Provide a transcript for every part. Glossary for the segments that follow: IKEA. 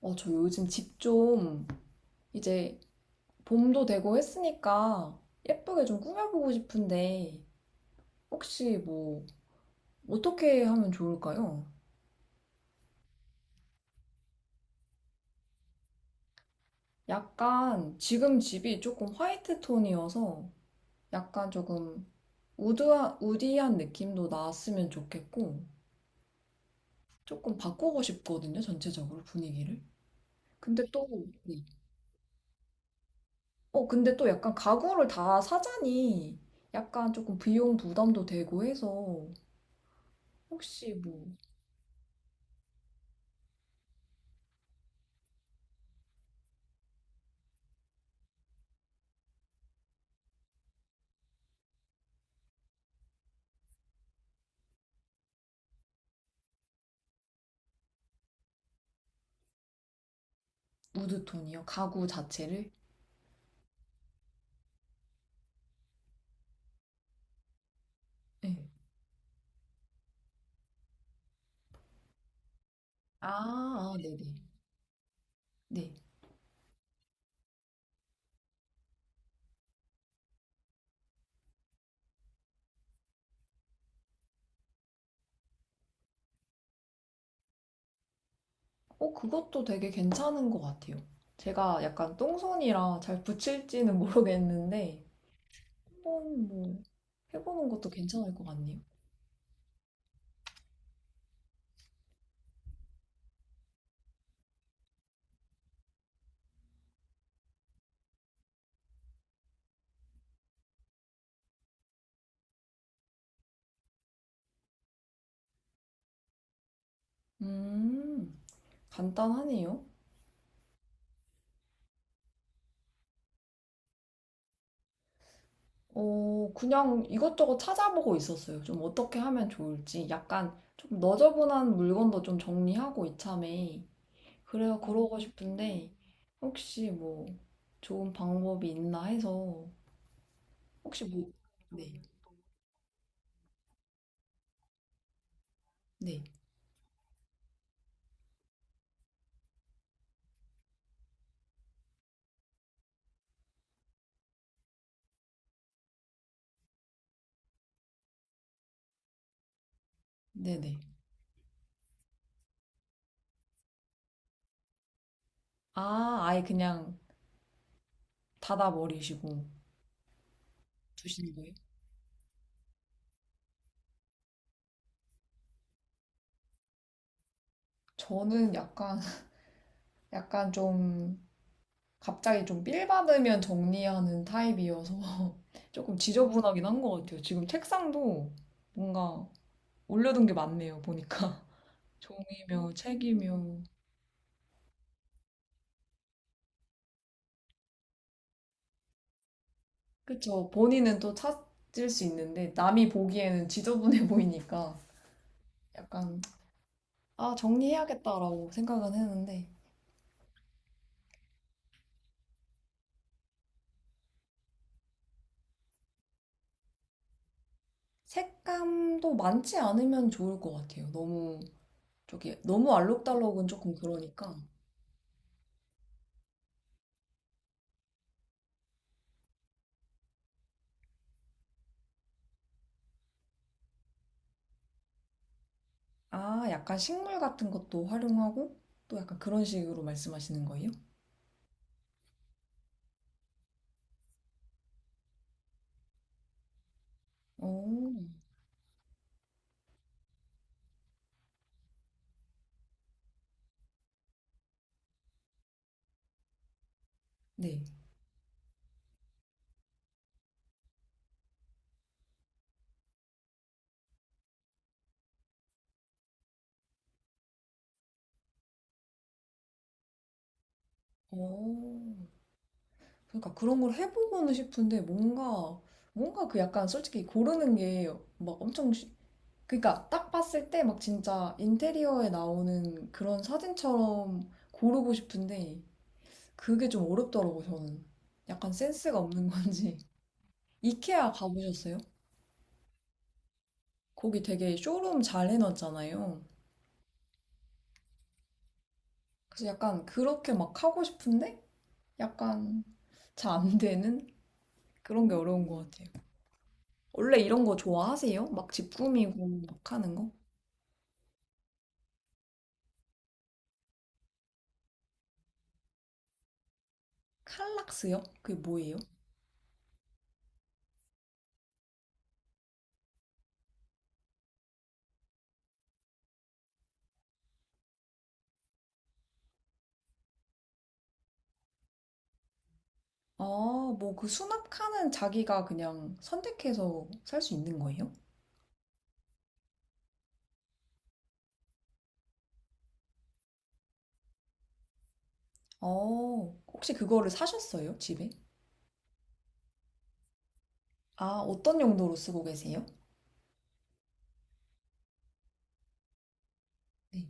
저 요즘 집 좀 이제 봄도 되고 했으니까 예쁘게 좀 꾸며보고 싶은데 혹시 뭐 어떻게 하면 좋을까요? 약간 지금 집이 조금 화이트 톤이어서 약간 조금 우디한 느낌도 나왔으면 좋겠고 조금 바꾸고 싶거든요, 전체적으로 분위기를. 근데 또, 네. 근데 또 약간 가구를 다 사자니 약간 조금 비용 부담도 되고 해서 혹시 뭐 우드톤이요? 가구 자체를? 네. 아, 아, 네네. 네. 그것도 되게 괜찮은 것 같아요. 제가 약간 똥손이라 잘 붙일지는 모르겠는데, 한번 뭐, 해보는 것도 괜찮을 것 같네요. 음, 간단하네요. 그냥 이것저것 찾아보고 있었어요. 좀 어떻게 하면 좋을지. 약간 좀 너저분한 물건도 좀 정리하고 이참에. 그래요, 그러고 싶은데, 혹시 뭐, 좋은 방법이 있나 해서 혹시 뭐, 네, 네, 네네. 아, 아예 그냥 닫아버리시고. 두시는 거예요? 저는 약간, 약간 좀, 갑자기 좀 빌 받으면 정리하는 타입이어서 조금 지저분하긴 한 것 같아요. 지금 책상도 뭔가 올려둔 게 많네요, 보니까. 종이며, 책이며. 그쵸. 본인은 또 찾을 수 있는데, 남이 보기에는 지저분해 보이니까 약간, 아, 정리해야겠다라고 생각은 했는데, 색감도 많지 않으면 좋을 것 같아요. 너무 저기 너무 알록달록은 조금 그러니까 아 약간 식물 같은 것도 활용하고 또 약간 그런 식으로 말씀하시는 거예요? 오, 네. 오, 그러니까 그런 걸 해보고는 싶은데 뭔가 그 약간 솔직히 고르는 게 막 엄청 그러니까 딱 봤을 때 막 진짜 인테리어에 나오는 그런 사진처럼 고르고 싶은데 그게 좀 어렵더라고 저는. 약간 센스가 없는 건지. 이케아 가보셨어요? 거기 되게 쇼룸 잘 해놨잖아요. 그래서 약간 그렇게 막 하고 싶은데 약간 잘 안 되는 그런 게 어려운 것 같아요. 원래 이런 거 좋아하세요? 막 집 꾸미고 막 하는 거? 칼락스요? 그게 뭐예요? 아, 뭐 그 수납칸은 자기가 그냥 선택해서 살 수 있는 거예요? 어, 혹시 그거를 사셨어요? 집에? 아, 어떤 용도로 쓰고 계세요? 네.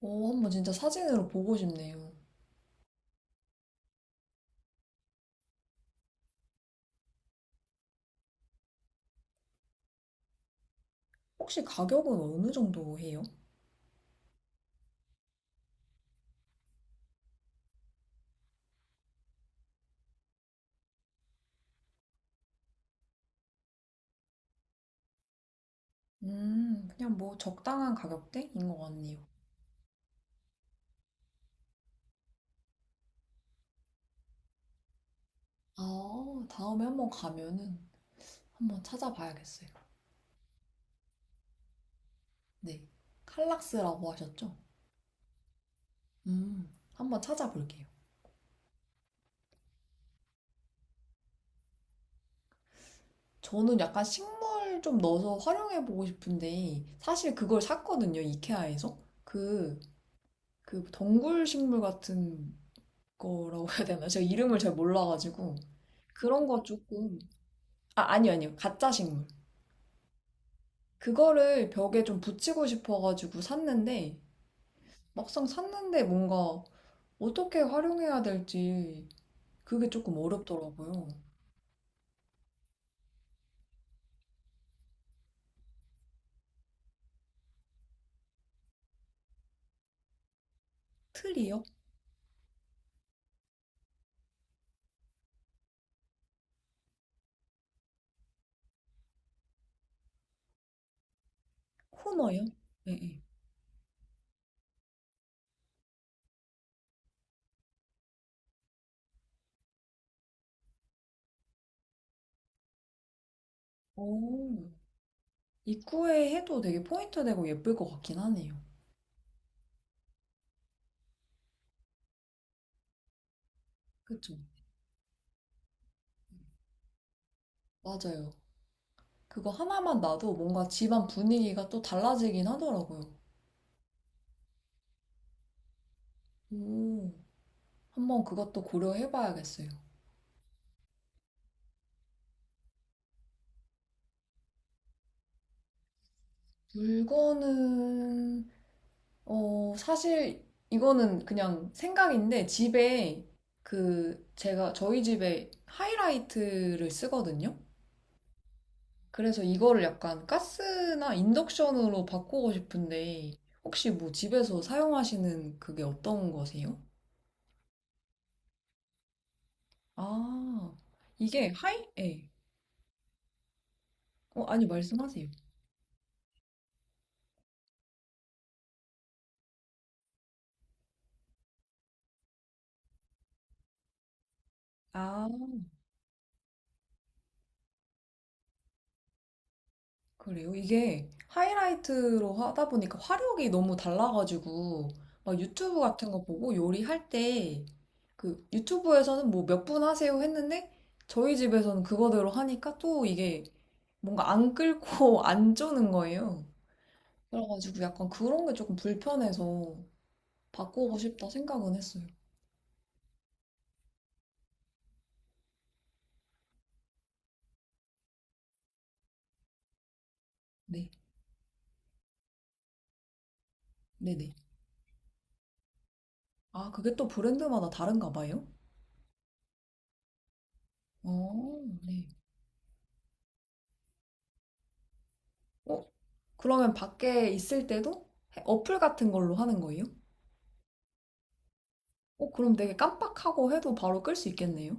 오, 한번 진짜 사진으로 보고 싶네요. 혹시 가격은 어느 정도 해요? 그냥 뭐 적당한 가격대인 것 같네요. 아, 다음에 한번 가면은 한번 찾아봐야겠어요. 네. 칼락스라고 하셨죠? 한번 찾아볼게요. 저는 약간 식물 좀 넣어서 활용해보고 싶은데, 사실 그걸 샀거든요, 이케아에서. 그, 그 덩굴 식물 같은 거라고 해야 되나? 제가 이름을 잘 몰라가지고. 그런 거 조금. 아, 아니요, 아니요. 가짜 식물. 그거를 벽에 좀 붙이고 싶어가지고 샀는데, 막상 샀는데 뭔가 어떻게 활용해야 될지 그게 조금 어렵더라고요. 틀이요? 코너요? 네, 네. 오, 입구에 해도 되게 포인트 되고 예쁠 것 같긴 하네요. 그쵸? 맞아요. 그거 하나만 놔도 뭔가 집안 분위기가 또 달라지긴 하더라고요. 오, 한번 그것도 고려해봐야겠어요. 물건은 사실 이거는 그냥 생각인데 집에 그 제가 저희 집에 하이라이트를 쓰거든요. 그래서 이거를 약간 가스나 인덕션으로 바꾸고 싶은데 혹시 뭐 집에서 사용하시는 그게 어떤 거세요? 아, 이게 하이? 예. 아니 말씀하세요. 그래요? 이게 하이라이트로 하다 보니까 화력이 너무 달라가지고, 막 유튜브 같은 거 보고 요리할 때, 그 유튜브에서는 뭐 몇 분 하세요 했는데, 저희 집에서는 그거대로 하니까 또 이게 뭔가 안 끓고 안 쪼는 거예요. 그래가지고 약간 그런 게 조금 불편해서 바꾸고 싶다 생각은 했어요. 네, 네네. 아, 그게 또 브랜드마다 다른가 봐요? 어, 네. 어, 그러면 밖에 있을 때도 어플 같은 걸로 하는 거예요? 그럼 되게 깜빡하고 해도 바로 끌 수 있겠네요?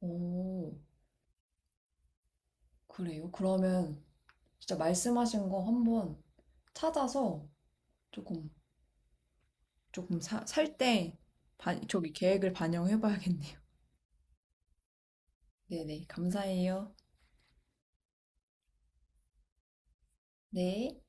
오, 그래요? 그러면 진짜 말씀하신 거 한번 찾아서 조금, 조금 살 때, 저기 계획을 반영해 봐야겠네요. 네네, 감사해요. 네.